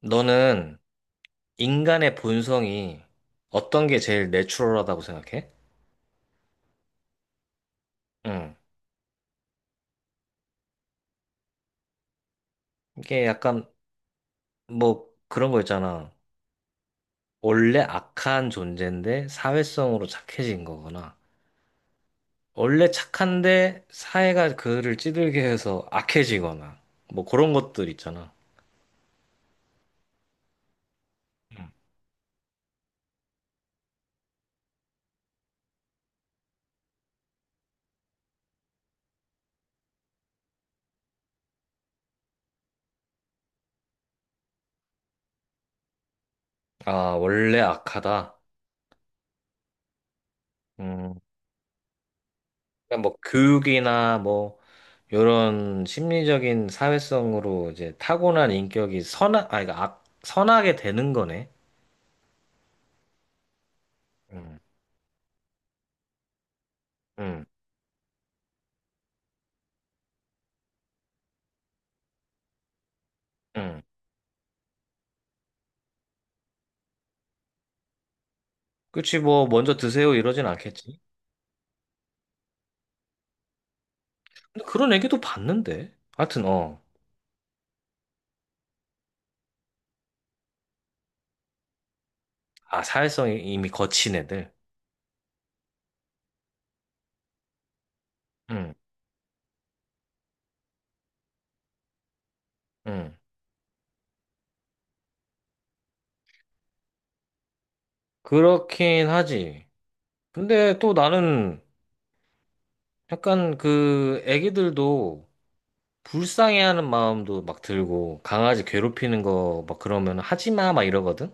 너는 인간의 본성이 어떤 게 제일 내추럴하다고 생각해? 응. 이게 약간 뭐 그런 거 있잖아. 원래 악한 존재인데 사회성으로 착해진 거거나, 원래 착한데 사회가 그를 찌들게 해서 악해지거나, 뭐 그런 것들 있잖아. 응. 아, 원래 악하다. 음. 그러니까 뭐 교육이나 뭐 이런 심리적인 사회성으로 이제 타고난 인격이 선악 아니 그러니까 악 선하게 되는 거네. 응 응 응. 그치 뭐 먼저 드세요 이러진 않겠지. 근데 그런 애기도 봤는데. 하여튼 어. 아, 사회성이 이미 거친 애들. 응 응. 그렇긴 하지. 근데 또 나는 약간 그 애기들도 불쌍해하는 마음도 막 들고 강아지 괴롭히는 거 막 그러면 하지 마 막 이러거든.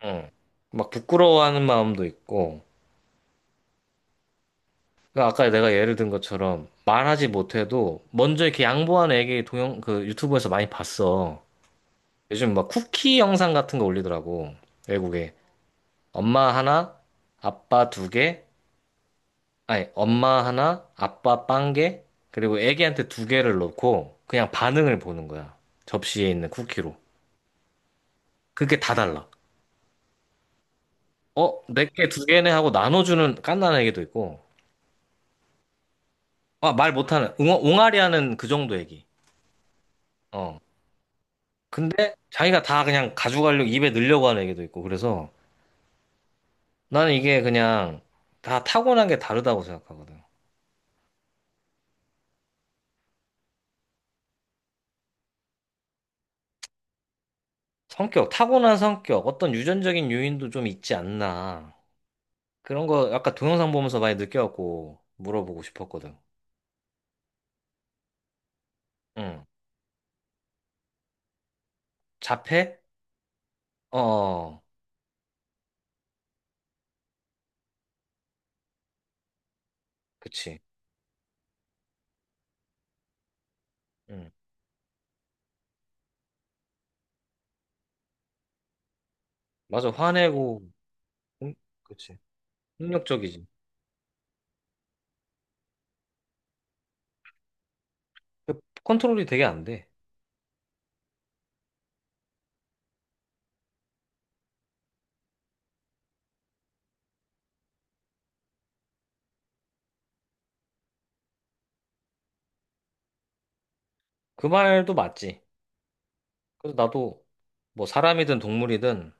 어. 막 부끄러워하는 마음도 있고, 그러니까 아까 내가 예를 든 것처럼 말하지 못해도 먼저 이렇게 양보하는 애기 그 유튜브에서 많이 봤어. 요즘 막 쿠키 영상 같은 거 올리더라고. 외국에. 엄마 하나, 아빠 두 개, 아니, 엄마 하나, 아빠 빵 개, 그리고 애기한테 두 개를 넣고 그냥 반응을 보는 거야. 접시에 있는 쿠키로. 그게 다 달라. 어, 내게 두 개네 하고 나눠주는 갓난 애기도 있고, 아, 말 못하는, 웅, 옹알이 하는 그 정도 애기. 어. 근데 자기가 다 그냥 가져가려고 입에 넣으려고 하는 애기도 있고 그래서 나는 이게 그냥 다 타고난 게 다르다고 생각하거든. 성격, 타고난 성격, 어떤 유전적인 요인도 좀 있지 않나. 그런 거 아까 동영상 보면서 많이 느껴갖고 물어보고 싶었거든. 응. 자폐? 어, 어. 그치. 응. 맞아, 화내고, 응? 그치. 폭력적이지. 그 컨트롤이 되게 안 돼. 그 말도 맞지. 그래서 나도 뭐 사람이든 동물이든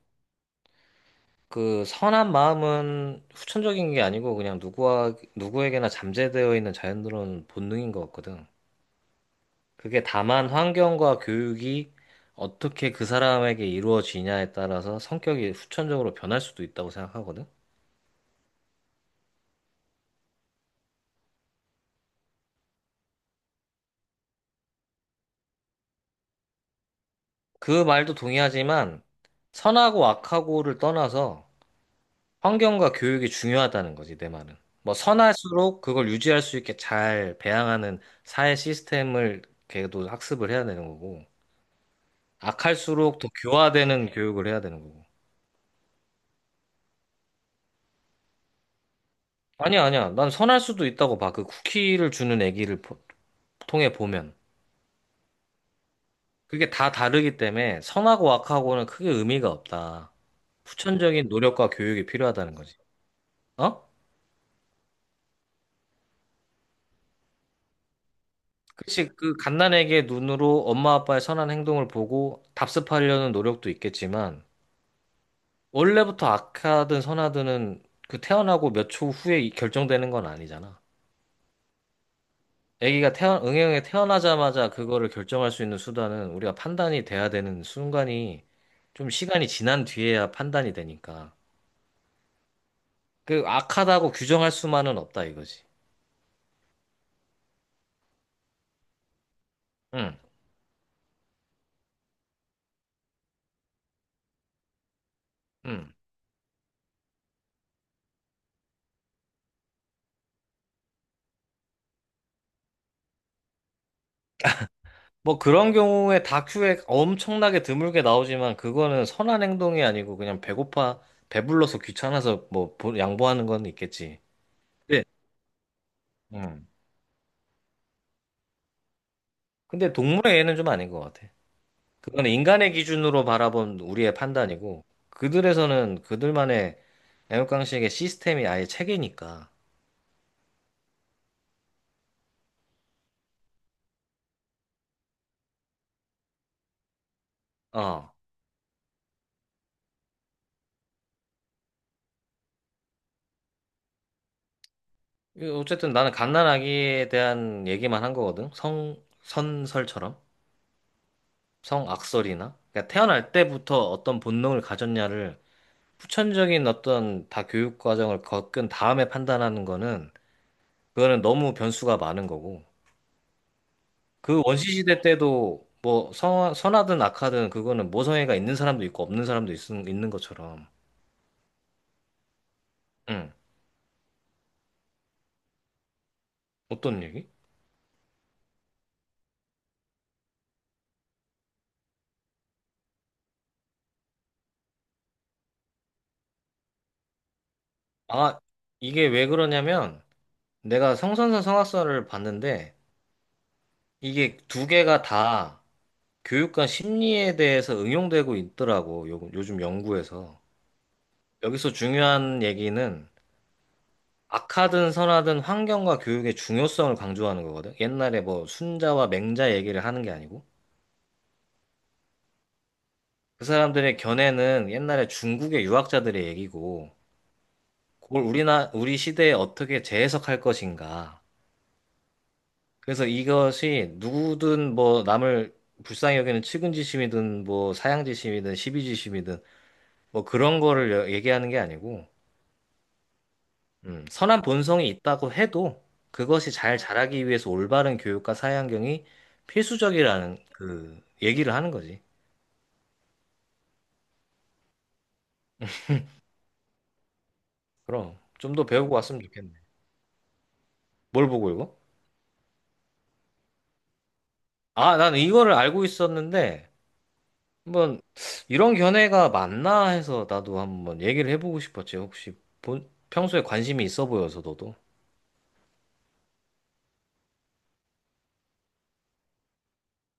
그 선한 마음은 후천적인 게 아니고 그냥 누구와, 누구에게나 잠재되어 있는 자연스러운 본능인 것 같거든. 그게 다만 환경과 교육이 어떻게 그 사람에게 이루어지냐에 따라서 성격이 후천적으로 변할 수도 있다고 생각하거든. 그 말도 동의하지만 선하고 악하고를 떠나서 환경과 교육이 중요하다는 거지, 내 말은. 뭐 선할수록 그걸 유지할 수 있게 잘 배양하는 사회 시스템을 걔도 학습을 해야 되는 거고. 악할수록 더 교화되는 교육을 해야 되는 거고. 아니야, 아니야. 난 선할 수도 있다고 봐. 그 쿠키를 주는 애기를 통해 보면. 그게 다 다르기 때문에 선하고 악하고는 크게 의미가 없다. 후천적인 노력과 교육이 필요하다는 거지. 어? 그치, 그 갓난에게 눈으로 엄마 아빠의 선한 행동을 보고 답습하려는 노력도 있겠지만, 원래부터 악하든 선하든은 그 태어나고 몇 초 후에 결정되는 건 아니잖아. 아기가 응형에 태어나자마자 그거를 결정할 수 있는 수단은 우리가 판단이 돼야 되는 순간이 좀 시간이 지난 뒤에야 판단이 되니까. 그 악하다고 규정할 수만은 없다 이거지. 응, 응. 뭐 그런 경우에 다큐에 엄청나게 드물게 나오지만 그거는 선한 행동이 아니고 그냥 배고파, 배불러서 귀찮아서 뭐 양보하는 건 있겠지. 네. 응. 근데 동물의 애는 좀 아닌 것 같아. 그건 인간의 기준으로 바라본 우리의 판단이고, 그들에서는 그들만의 애국강식의 시스템이 아예 체계니까. 어. 이거 어쨌든 나는 갓난아기에 대한 얘기만 한 거거든. 선설처럼. 성악설이나. 그러니까 태어날 때부터 어떤 본능을 가졌냐를 후천적인 어떤 다 교육 과정을 겪은 다음에 판단하는 거는, 그거는 너무 변수가 많은 거고. 그 원시시대 때도 뭐 선하든 악하든 그거는 모성애가 있는 사람도 있고 없는 사람도 있는 것처럼. 응. 어떤 얘기? 아, 이게 왜 그러냐면 내가 성선설 성악설을 봤는데 이게 두 개가 다 교육과 심리에 대해서 응용되고 있더라고. 요즘 연구에서. 여기서 중요한 얘기는 악하든 선하든 환경과 교육의 중요성을 강조하는 거거든. 옛날에 뭐 순자와 맹자 얘기를 하는 게 아니고. 그 사람들의 견해는 옛날에 중국의 유학자들의 얘기고, 그걸 우리 시대에 어떻게 재해석할 것인가. 그래서 이것이 누구든 뭐 남을 불쌍히 여기는 측은지심이든 뭐 사양지심이든 시비지심이든 뭐 그런 거를 얘기하는 게 아니고, 선한 본성이 있다고 해도 그것이 잘 자라기 위해서 올바른 교육과 사회환경이 필수적이라는 그 얘기를 하는 거지. 그럼 좀 더 배우고 왔으면 좋겠네. 뭘 보고 이거? 아, 난 이거를 알고 있었는데, 한번 이런 견해가 맞나 해서 나도 한번 얘기를 해보고 싶었지. 혹시 평소에 관심이 있어 보여서 너도.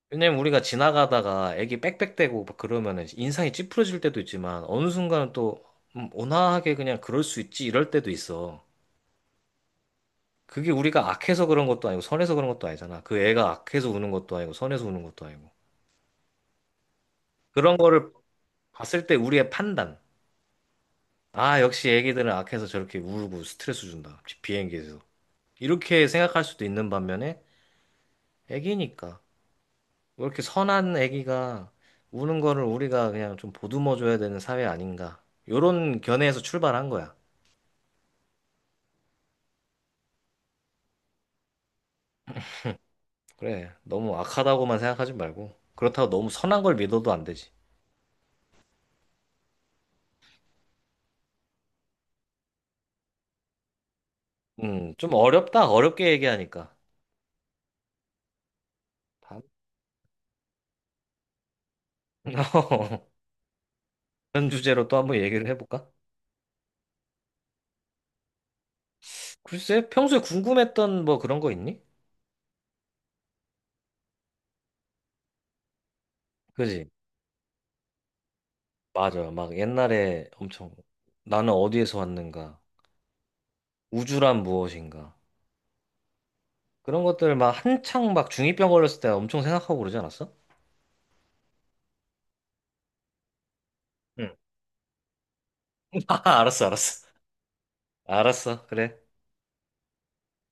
왜냐면 우리가 지나가다가 애기 빽빽대고 막 그러면은 인상이 찌푸려질 때도 있지만 어느 순간은 또 온화하게 그냥 그럴 수 있지 이럴 때도 있어. 그게 우리가 악해서 그런 것도 아니고 선해서 그런 것도 아니잖아. 그 애가 악해서 우는 것도 아니고 선해서 우는 것도 아니고. 그런 거를 봤을 때 우리의 판단. 아, 역시 애기들은 악해서 저렇게 울고 스트레스 준다. 비행기에서. 이렇게 생각할 수도 있는 반면에 애기니까. 왜 이렇게 선한 애기가 우는 거를 우리가 그냥 좀 보듬어 줘야 되는 사회 아닌가. 요런 견해에서 출발한 거야. 그래. 너무 악하다고만 생각하지 말고. 그렇다고 너무 선한 걸 믿어도 안 되지. 좀 어렵다. 어렵게 얘기하니까. 다음- 이런 주제로 또 한번 얘기를 해볼까? 글쎄, 평소에 궁금했던 뭐 그런 거 있니? 그지? 맞아. 막 옛날에 엄청 나는 어디에서 왔는가? 우주란 무엇인가? 그런 것들 막 한창 막 중2병 걸렸을 때 엄청 생각하고 그러지 않았어? 응. 아, 알았어, 알았어. 알았어, 그래.